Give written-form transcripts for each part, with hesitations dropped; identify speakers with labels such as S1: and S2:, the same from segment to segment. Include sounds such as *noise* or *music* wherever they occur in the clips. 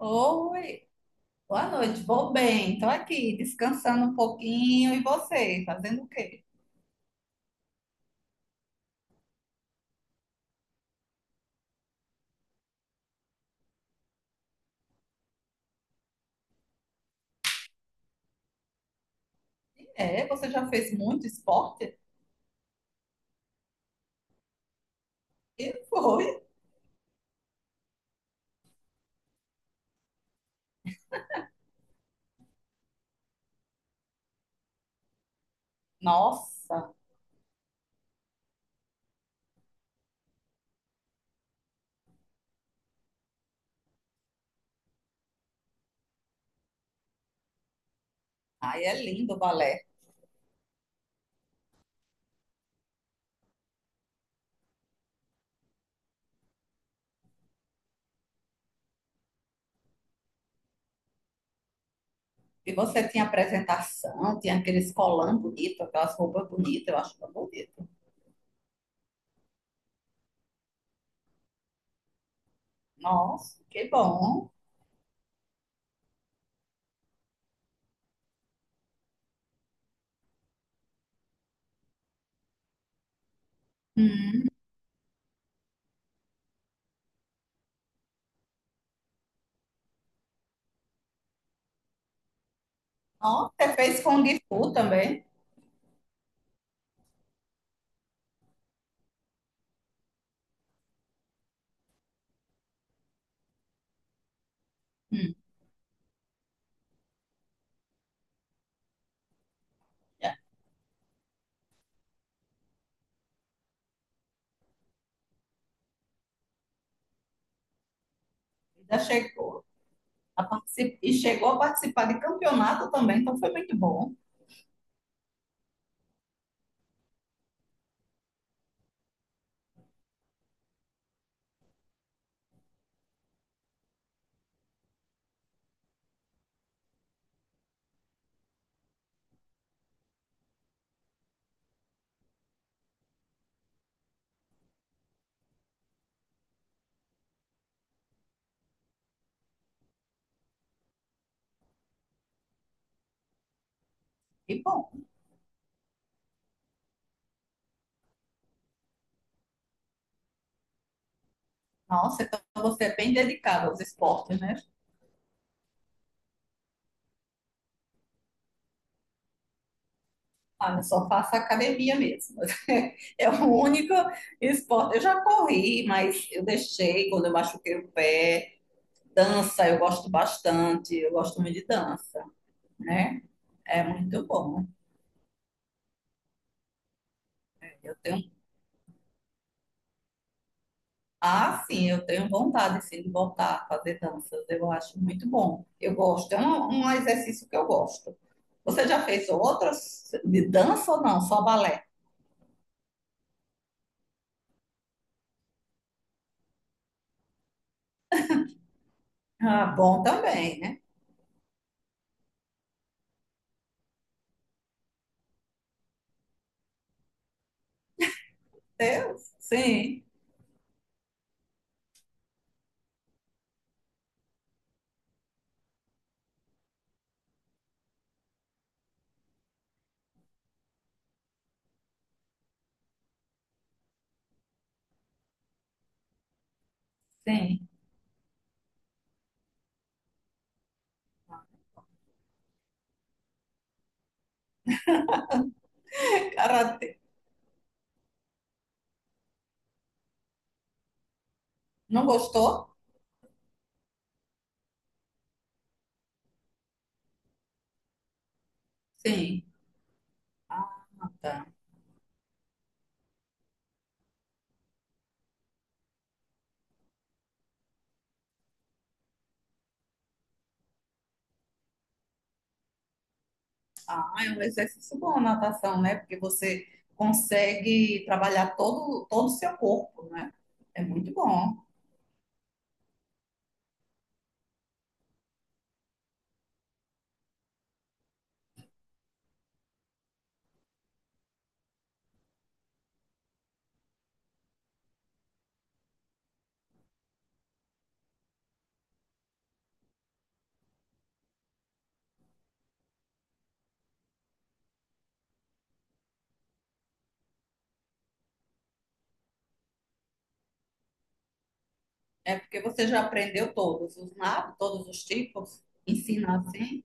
S1: Oi, boa noite, vou bem, tô aqui descansando um pouquinho. E você, fazendo o quê? É, você já fez muito esporte? E foi? Nossa, aí é lindo o balé. E você tinha apresentação, tinha aqueles colãs bonitos, aquelas roupas bonitas, eu acho tão bonito. Nossa, que bom. Hum. Nossa, você fez Kung Fu também? Hum, já, já chegou a participar, e chegou a participar de campeonato também, então foi muito bom. Que bom. Nossa, então você é bem dedicado aos esportes, né? Ah, eu só faço academia mesmo. *laughs* É o único esporte. Eu já corri, mas eu deixei quando eu machuquei o pé. Dança, eu gosto bastante. Eu gosto muito de dança, né? É muito bom. Eu tenho, ah, sim, eu tenho vontade, sim, de voltar a fazer danças. Eu acho muito bom. Eu gosto. É um exercício que eu gosto. Você já fez outras de dança ou não? Só balé? Ah, bom também, né? Deus, sim. Sim, Karatê. Não gostou? Sim. Ah, tá. Ah, é um exercício bom a natação, né? Porque você consegue trabalhar todo o seu corpo, né? É muito bom. É porque você já aprendeu todos os nados, todos os tipos, ensina assim.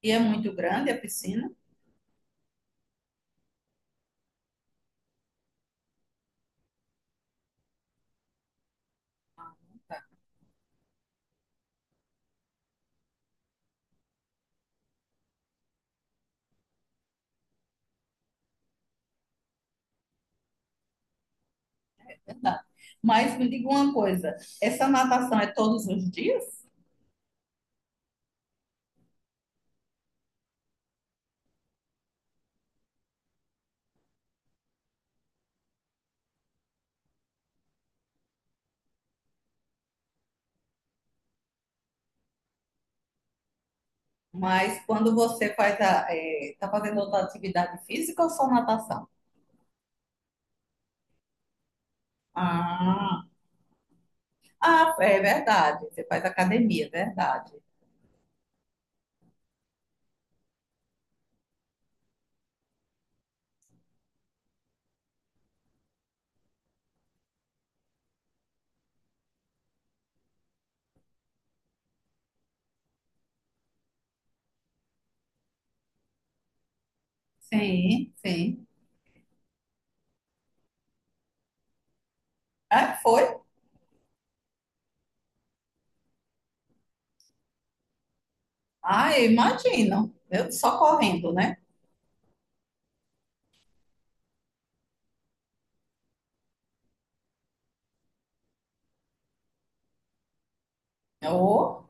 S1: E é muito grande a piscina, é verdade. Mas me diga uma coisa, essa natação é todos os dias? Mas quando você faz a, é, tá fazendo outra atividade física ou só natação? Ah, ah, é verdade. Você faz academia, é verdade. Sim, sim. É, foi? Ah, eu imagino. Eu só correndo, né? Oh,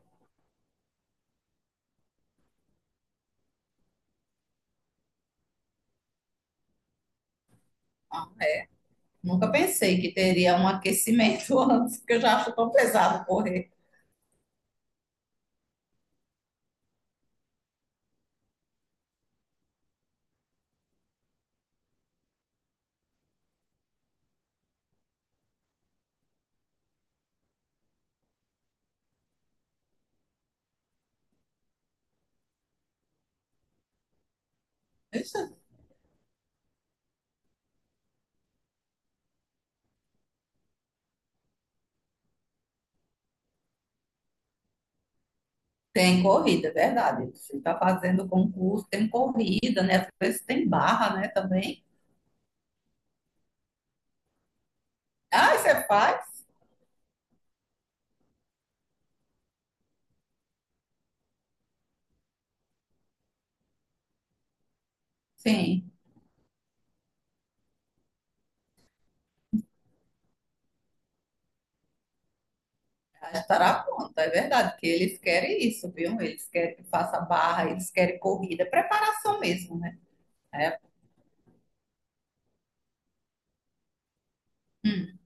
S1: ah, nunca pensei que teria um aquecimento *laughs* antes, porque eu já acho tão pesado correr. Tem corrida, é verdade. Você está fazendo concurso, tem corrida, né? Às vezes tem barra, né? Também. Ah, você faz? Sim, estará pronto é verdade, que eles querem isso, viu? Eles querem que faça barra, eles querem corrida, preparação mesmo, né? É, hum,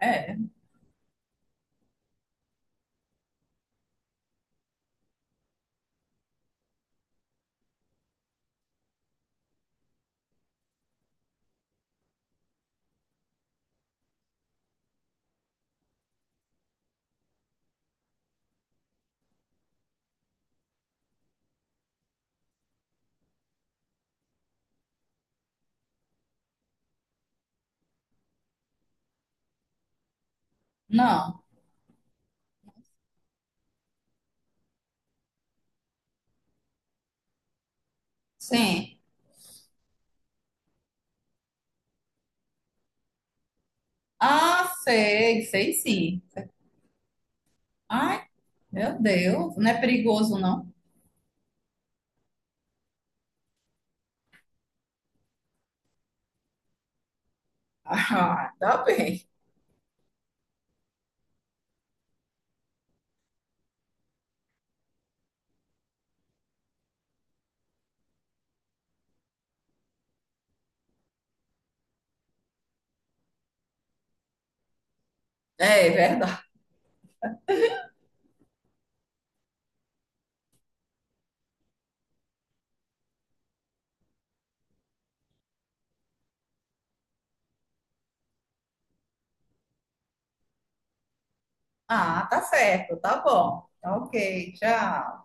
S1: é, não, sim. Ah, sei, sei sim. Ai, meu Deus, não é perigoso, não? *laughs* Ah, tá bem. É, é verdade. Ah, tá certo, tá bom. Tá ok, tchau.